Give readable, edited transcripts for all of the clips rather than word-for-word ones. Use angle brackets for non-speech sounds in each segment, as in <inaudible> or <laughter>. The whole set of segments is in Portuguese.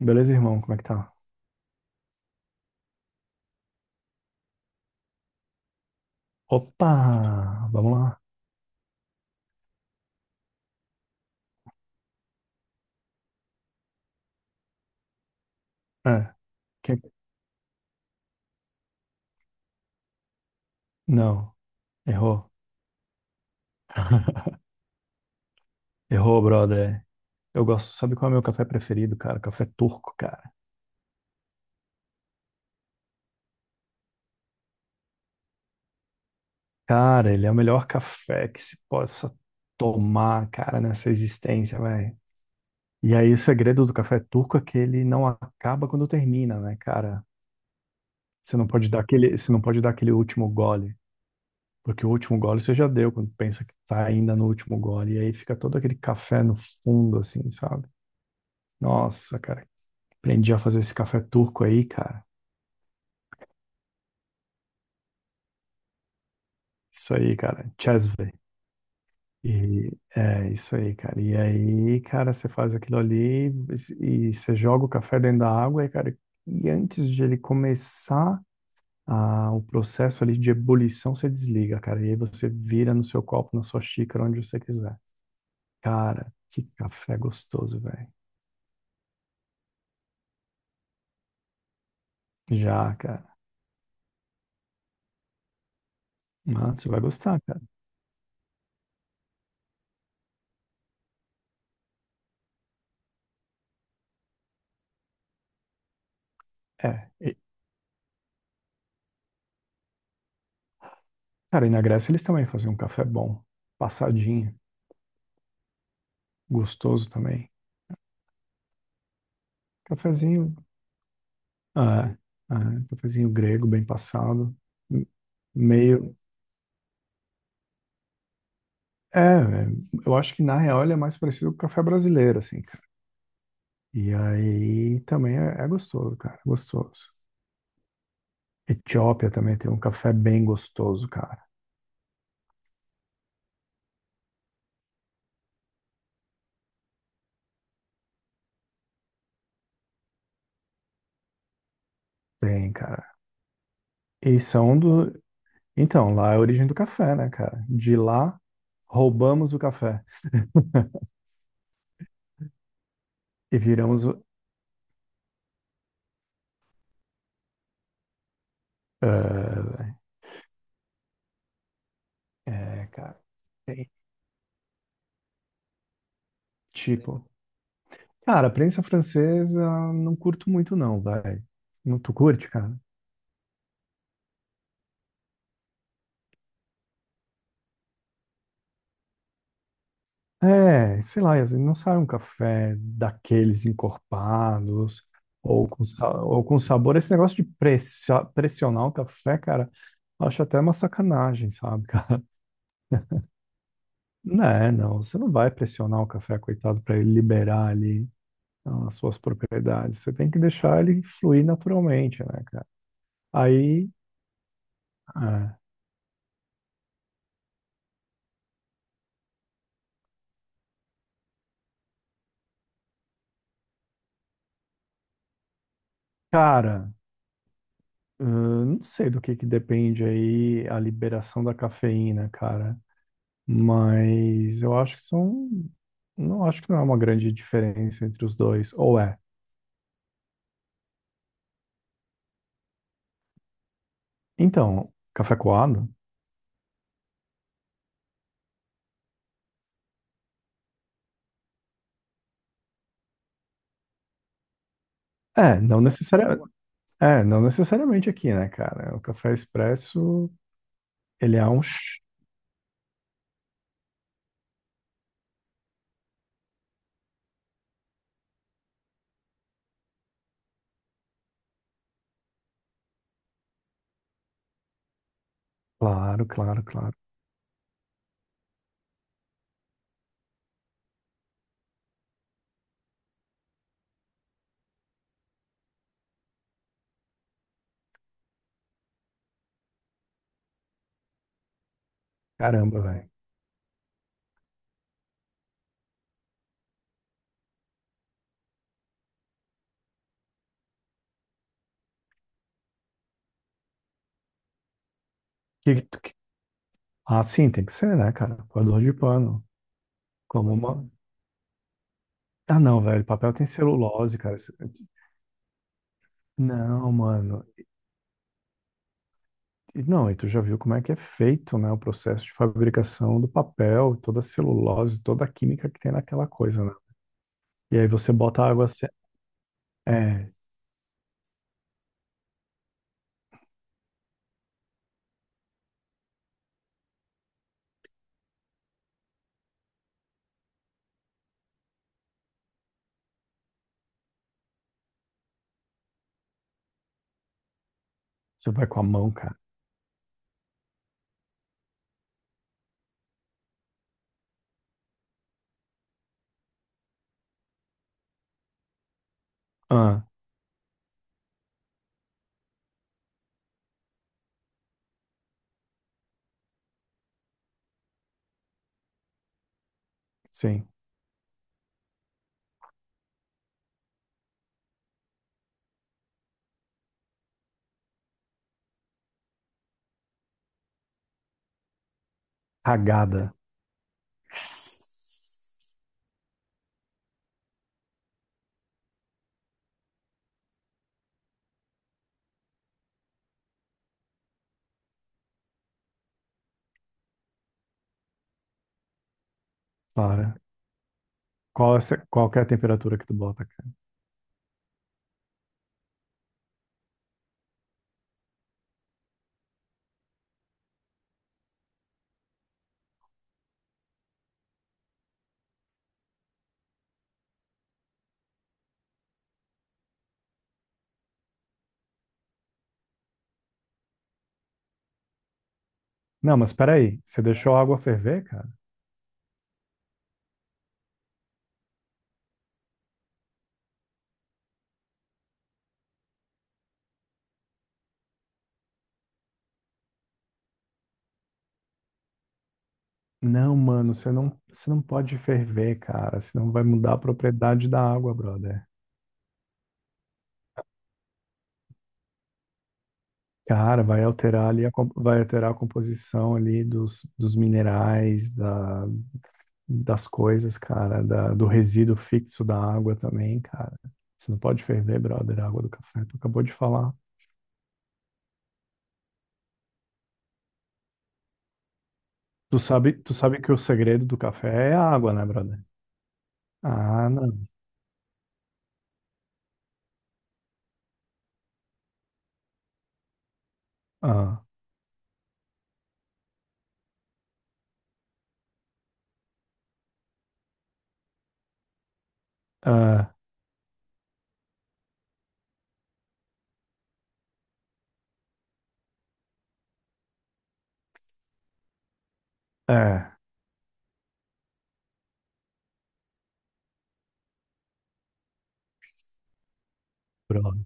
Beleza, irmão? Como é que tá? Opa! Vamos lá. É. quem- Não, errou. Errou, brother. Eu gosto. Sabe qual é o meu café preferido, cara? Café turco, cara. Cara, ele é o melhor café que se possa tomar, cara, nessa existência, velho. E aí, o segredo do café turco é que ele não acaba quando termina, né, cara? Você não pode dar aquele último gole, porque o último gole você já deu quando pensa que tá ainda no último gole. E aí fica todo aquele café no fundo, assim, sabe? Nossa, cara, aprendi a fazer esse café turco aí, cara. Isso aí, cara, Çezve. E é isso aí, cara. E aí, cara, você faz aquilo ali e você joga o café dentro da água e, cara, e antes de ele começar o processo ali de ebulição, você desliga, cara. E aí você vira no seu copo, na sua xícara, onde você quiser. Cara, que café gostoso, velho. Já, cara. Ah, você vai gostar, cara. É. E, cara, e na Grécia eles também faziam um café bom, passadinho. Gostoso também. Cafezinho, ah, ah, cafezinho grego bem passado, m- meio, é, eu acho que na real ele é mais parecido com o café brasileiro, assim, cara. E aí também é gostoso, cara, é gostoso. Etiópia também tem um café bem gostoso, cara. Tem, cara. E são do, então, lá é a origem do café, né, cara? De lá roubamos o café e viramos o, cara, tem, tipo. Cara, prensa francesa não curto muito não, vai. Não tu curte, cara? É, sei lá, Yasmin, não sai um café daqueles encorpados ou com sabor. Esse negócio de pressionar o café, cara, acho até uma sacanagem, sabe, cara? <laughs> Não, é, não, você não vai pressionar o café, coitado, para ele liberar ali as suas propriedades. Você tem que deixar ele fluir naturalmente, né, cara? Aí, é, cara. Não sei do que depende aí a liberação da cafeína, cara. Mas eu acho que são. Não acho que não é uma grande diferença entre os dois. Ou é? Então, café coado? É, não necessariamente. É, não necessariamente aqui, né, cara? O café expresso, ele é um. Ch- claro, claro, claro. Caramba, velho. Que- que- Ah, sim, tem que ser, né, cara? Coador de pano. Como uma. Ah, não, velho. Papel tem celulose, cara. Não, mano. E não, e tu já viu como é que é feito, né, o processo de fabricação do papel, toda a celulose, toda a química que tem naquela coisa, né? E aí você bota a água, é, você vai com a mão, cara. Ah, sim, cagada, Clara. Qual que é a temperatura que tu bota, cara? Não, mas peraí, você deixou a água ferver, cara? Não, mano, você não pode ferver, cara, senão vai mudar a propriedade da água, brother. Cara, vai alterar ali, vai alterar a composição ali dos minerais, das coisas, cara, do resíduo fixo da água também, cara. Você não pode ferver, brother, a água do café. Tu acabou de falar. Tu sabe que o segredo do café é a água, né, brother? Ah, não. Ah, ah, É, brother.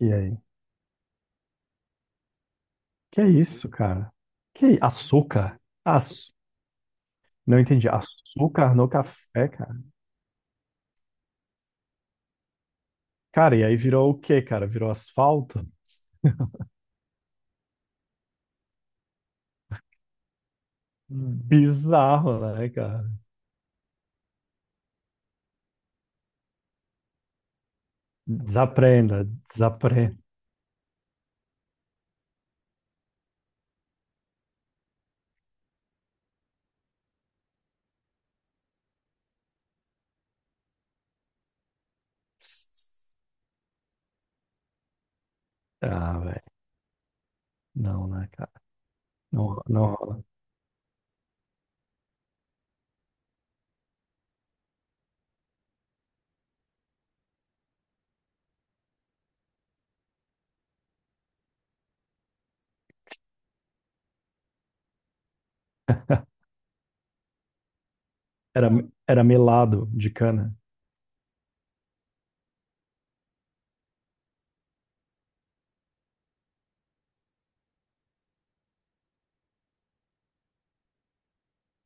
E aí? Que é isso, cara? Açúcar? Aço. Não entendi. Açúcar no café, cara. Cara, e aí virou o quê, cara? Virou asfalto? Bizarro, né, cara? Desaprenda, desaprenda. Ah, velho. Não, né, cara? Não, não rola. Era, era melado de cana?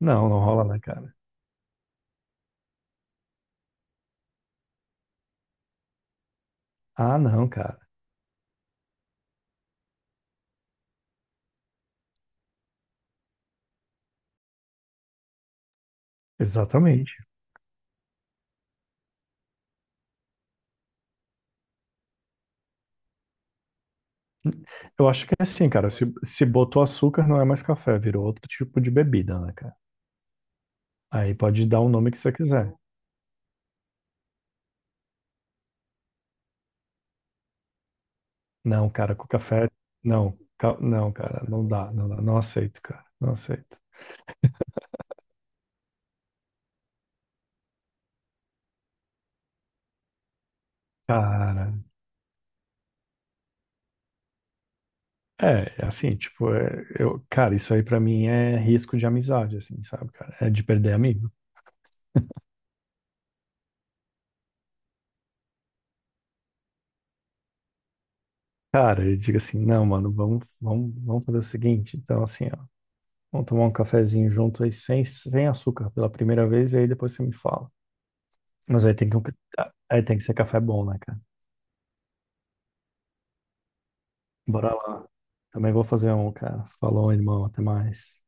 Não, não rola, né, cara? Ah, não, cara. Exatamente. Eu acho que é assim, cara. Se botou açúcar, não é mais café, virou outro tipo de bebida, né, cara? Aí pode dar o nome que você quiser. Não, cara, com café. Não, não, cara, não dá, não dá, não aceito, cara, não aceito. Cara, é assim, tipo, eu, cara, isso aí pra mim é risco de amizade, assim, sabe, cara? É de perder amigo. Cara, eu digo assim, não, mano, vamos, vamos, vamos fazer o seguinte, então assim, ó, vamos tomar um cafezinho junto aí sem açúcar pela primeira vez e aí depois você me fala. Mas aí tem que ser café bom, né, cara? Bora lá. Também vou fazer um, cara. Falou, irmão, até mais.